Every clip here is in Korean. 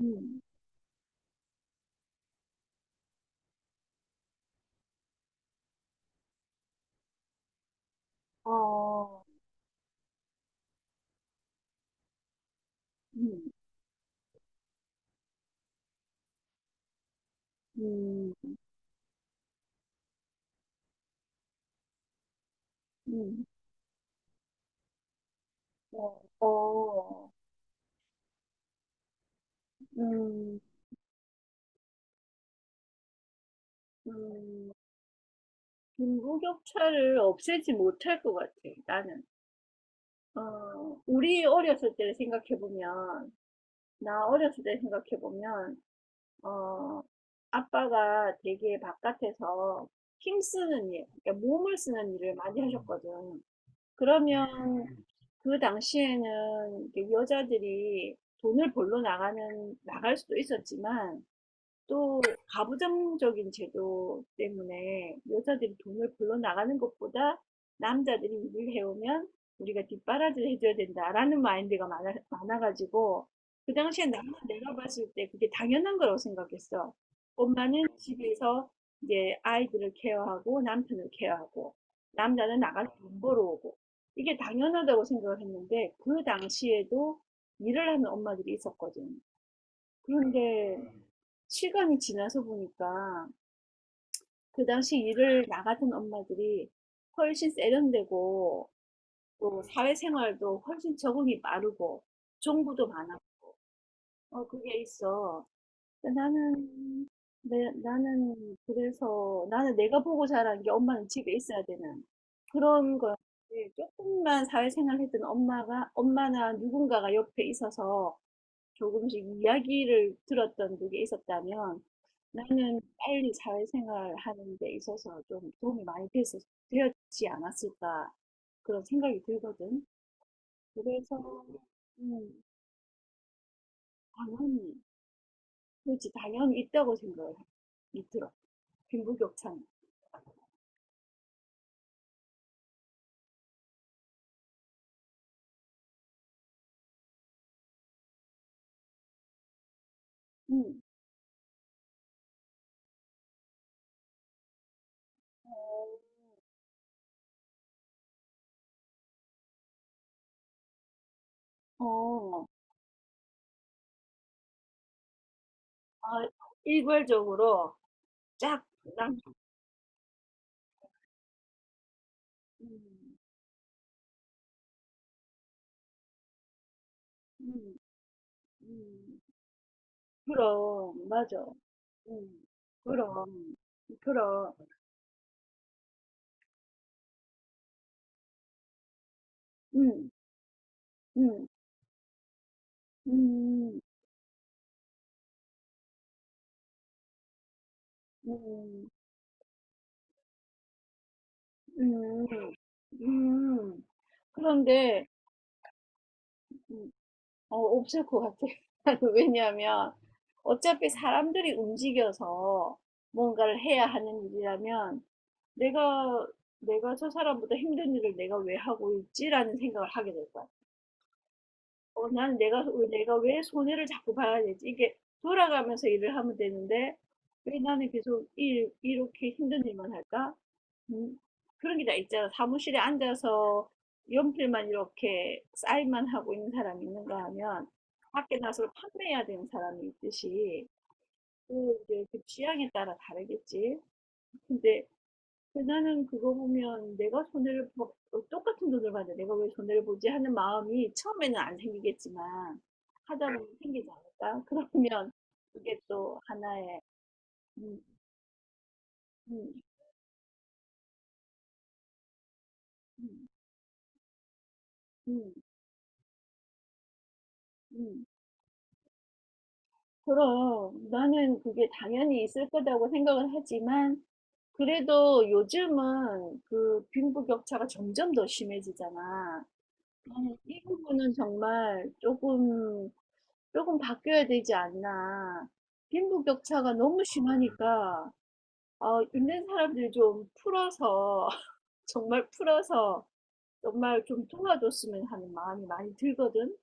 음, 어, 음, 음, 음, 어, 어, 음, 음, 빈부격차를 없애지 못할 것 같아, 나는. 우리 어렸을 때를 생각해보면, 나 어렸을 때 생각해보면, 어, 아빠가 되게 바깥에서 힘쓰는 일, 그러니까 몸을 쓰는 일을 많이 하셨거든. 그러면 그 당시에는 이렇게 여자들이 돈을 벌러 나가는, 나갈 수도 있었지만, 또 가부장적인 제도 때문에 여자들이 돈을 벌러 나가는 것보다 남자들이 일을 해오면 우리가 뒷바라지를 해줘야 된다라는 마인드가 많아가지고 그 당시에 나는 내가 봤을 때 그게 당연한 거라고 생각했어. 엄마는 집에서 이제 아이들을 케어하고 남편을 케어하고 남자는 나가서 돈 벌어오고 이게 당연하다고 생각을 했는데 그 당시에도 일을 하는 엄마들이 있었거든. 그런데 시간이 지나서 보니까 그 당시 일을 나 같은 엄마들이 훨씬 세련되고 또 사회생활도 훨씬 적응이 빠르고 정보도 많아. 어, 그게 있어. 근데 나는, 내, 나는 그래서 나는 내가 보고 자란 게 엄마는 집에 있어야 되는 그런 거였지. 조금만 사회생활 했던 엄마가, 엄마나 누군가가 옆에 있어서 조금씩 이야기를 들었던 그게 있었다면 나는 빨리 사회생활 하는 데 있어서 좀 도움이 많이 되었지 않았을까 그런 생각이 들거든. 그래서 음, 당연히 그렇지 당연히 있다고 생각을 이 들어. 빈부격차는. 음. 어, 아, 일괄적으로 쫙 남, 음, 음, 음, 그럼, 맞아. 음, 그럼, 그럼. 음, 음, 음, 음, 음, 음. 그런데, 음, 없을 것 같아. 왜냐하면, 어차피 사람들이 움직여서 뭔가를 해야 하는 일이라면, 내가, 내가 저 사람보다 힘든 일을 내가 왜 하고 있지라는 생각을 하게 될 거야. 나는 내가 왜 손해를 자꾸 봐야 되지? 이게 돌아가면서 일을 하면 되는데 왜 나는 계속 이렇게 힘든 일만 할까? 음, 그런 게 다 있잖아. 사무실에 앉아서 연필만 이렇게 쌓일만 하고 있는 사람이 있는가 하면 밖에 나서 판매해야 되는 사람이 있듯이 또 이제 그 취향에 따라 다르겠지. 근데 근데 나는 그거 보면 '내가 손해를 보 어 똑같은 돈을 받는데 내가 왜 손해를 보지?' 하는 마음이 처음에는 안 생기겠지만 하다 네. 보면 생기지 않을까? 그러면 그게 또 하나의 음 음 음 음 음 그럼 나는 그게 당연히 있을 거라고 생각을 하지만 그래도 요즘은 그 빈부격차가 점점 더 심해지잖아. 나는 이 부분은 정말 조금 조금 바뀌어야 되지 않나. 빈부격차가 너무 심하니까, 있는 사람들 좀 풀어서, 정말 풀어서, 정말 좀 도와줬으면 하는 마음이 많이 들거든.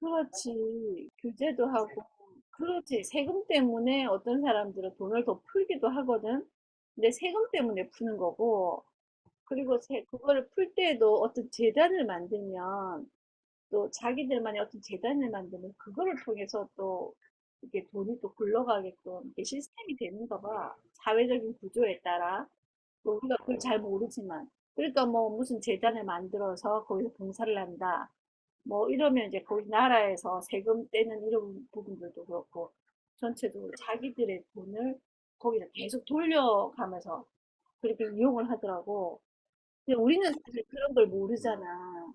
그렇지. 규제도 하고, 그렇지. 세금 때문에 어떤 사람들은 돈을 더 풀기도 하거든. 근데 세금 때문에 푸는 거고, 그리고 세, 그거를 풀 때에도 어떤 재단을 만들면, 또 자기들만의 어떤 재단을 만드는 그거를 통해서 또 이게 돈이 또 굴러가게끔 이게 시스템이 되는가 봐. 사회적인 구조에 따라. 뭐 우리가 그걸 잘 모르지만. 그러니까 뭐 무슨 재단을 만들어서 거기서 봉사를 한다. 뭐 이러면 이제 거기 나라에서 세금 떼는 이런 부분들도 그렇고 전체적으로 자기들의 돈을 거기다 계속 돌려가면서 그렇게 이용을 하더라고. 근데 우리는 사실 그런 걸 모르잖아.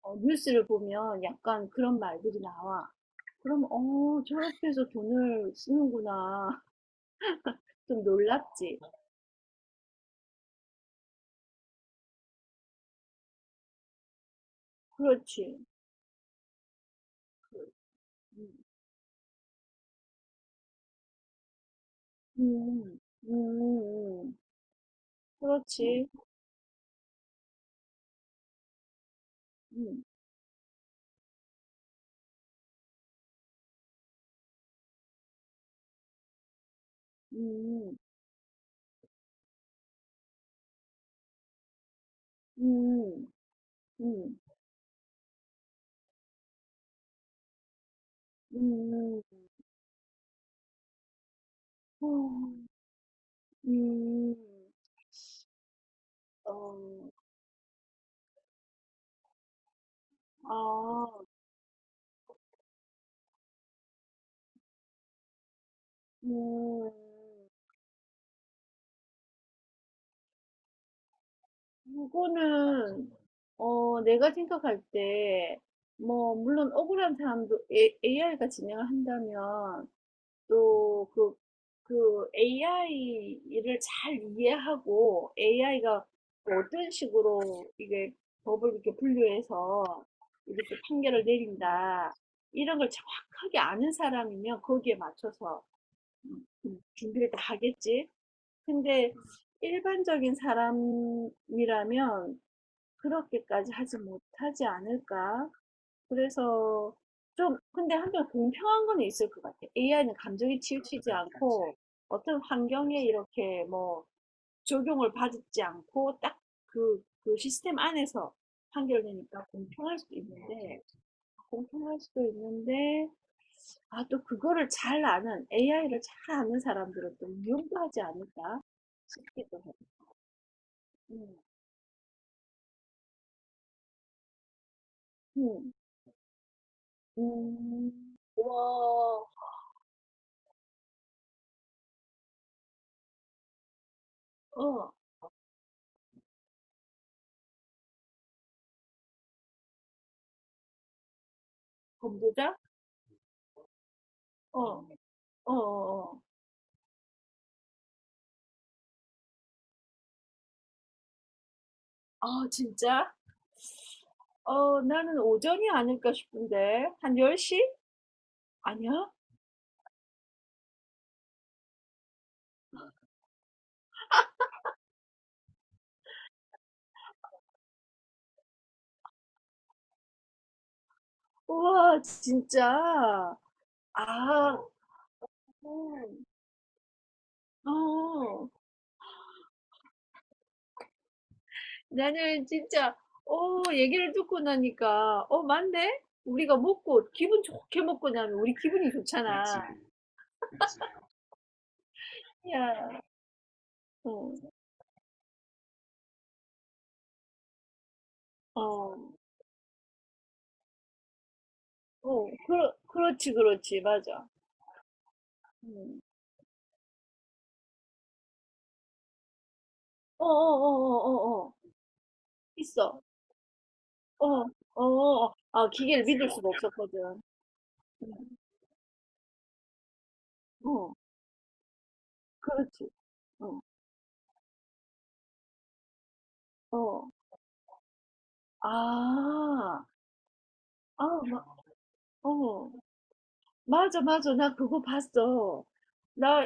뉴스를 보면 약간 그런 말들이 나와. 그럼, 저렇게 해서 돈을 쓰는구나. 좀 놀랍지. 그렇지. 음, 음, 음, 음. 그렇지. 음, 음, 음, 음, 음, 음, 음, 어, 아, 음. 그거는 내가 생각할 때 뭐 물론 억울한 사람도 AI가 진행을 한다면 또 그 AI를 잘 이해하고 AI가 어떤 식으로 이게 법을 이렇게 분류해서 이렇게 판결을 내린다 이런 걸 정확하게 아는 사람이면 거기에 맞춰서 준비를 다 하겠지. 근데 일반적인 사람이라면 그렇게까지 하지 못하지 않을까? 그래서 좀, 근데 한편 공평한 건 있을 것 같아. AI는 감정이 치우치지 않고, 어떤 환경에 이렇게 뭐, 적용을 받지 않고, 딱 그, 그 시스템 안에서 판결되니까 공평할 수도 있는데, 공평할 수도 있는데, 아, 또 그거를 잘 아는, AI를 잘 아는 사람들은 또 위험하지 않을까 싶기도 해. 음, 음, 와, 어. 전부자 어, 어, 어. 아, 진짜? 나는 오전이 아닐까 싶은데. 한 10시? 아니야? 우와, 진짜. 아, 음, 어. 나는 진짜, 얘기를 듣고 나니까, 어, 맞네? 우리가 먹고, 기분 좋게 먹고 나면 우리 기분이 좋잖아. 야, 어, 어, 어, 그렇지, 그렇지, 맞아. 음. 어, 어, 어, 어, 어, 어. 있어. 어, 어, 어. 아, 기계를 믿을 수가 없었거든. 응, 어, 그렇지. 어, 어, 아, 아, 마, 어, 맞아, 맞아. 나 그거 봤어. 나,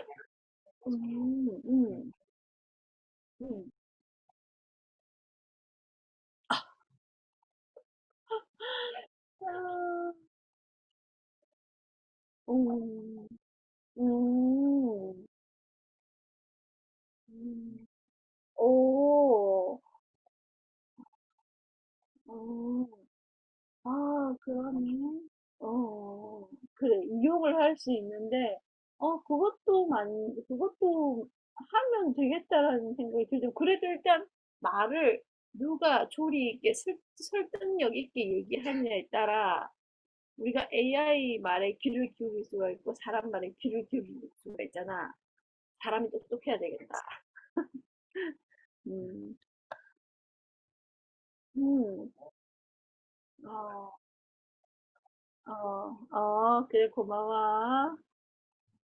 음, 음, 음. 아, 음, 음, 음, 오, 오 아, 그러면, 어, 어, 어. 그래, 이용을 할 수 있는데, 어, 그것도 만, 그것도 하면 되겠다라는 생각이 들죠. 그래도 일단 말을 누가 조리 있게 설득력 있게 얘기하느냐에 따라 우리가 AI 말에 귀를 기울일 수가 있고 사람 말에 귀를 기울일 수가 있잖아. 사람이 똑똑해야 되겠다. 음, 음, 어, 어, 어, 그래, 고마워.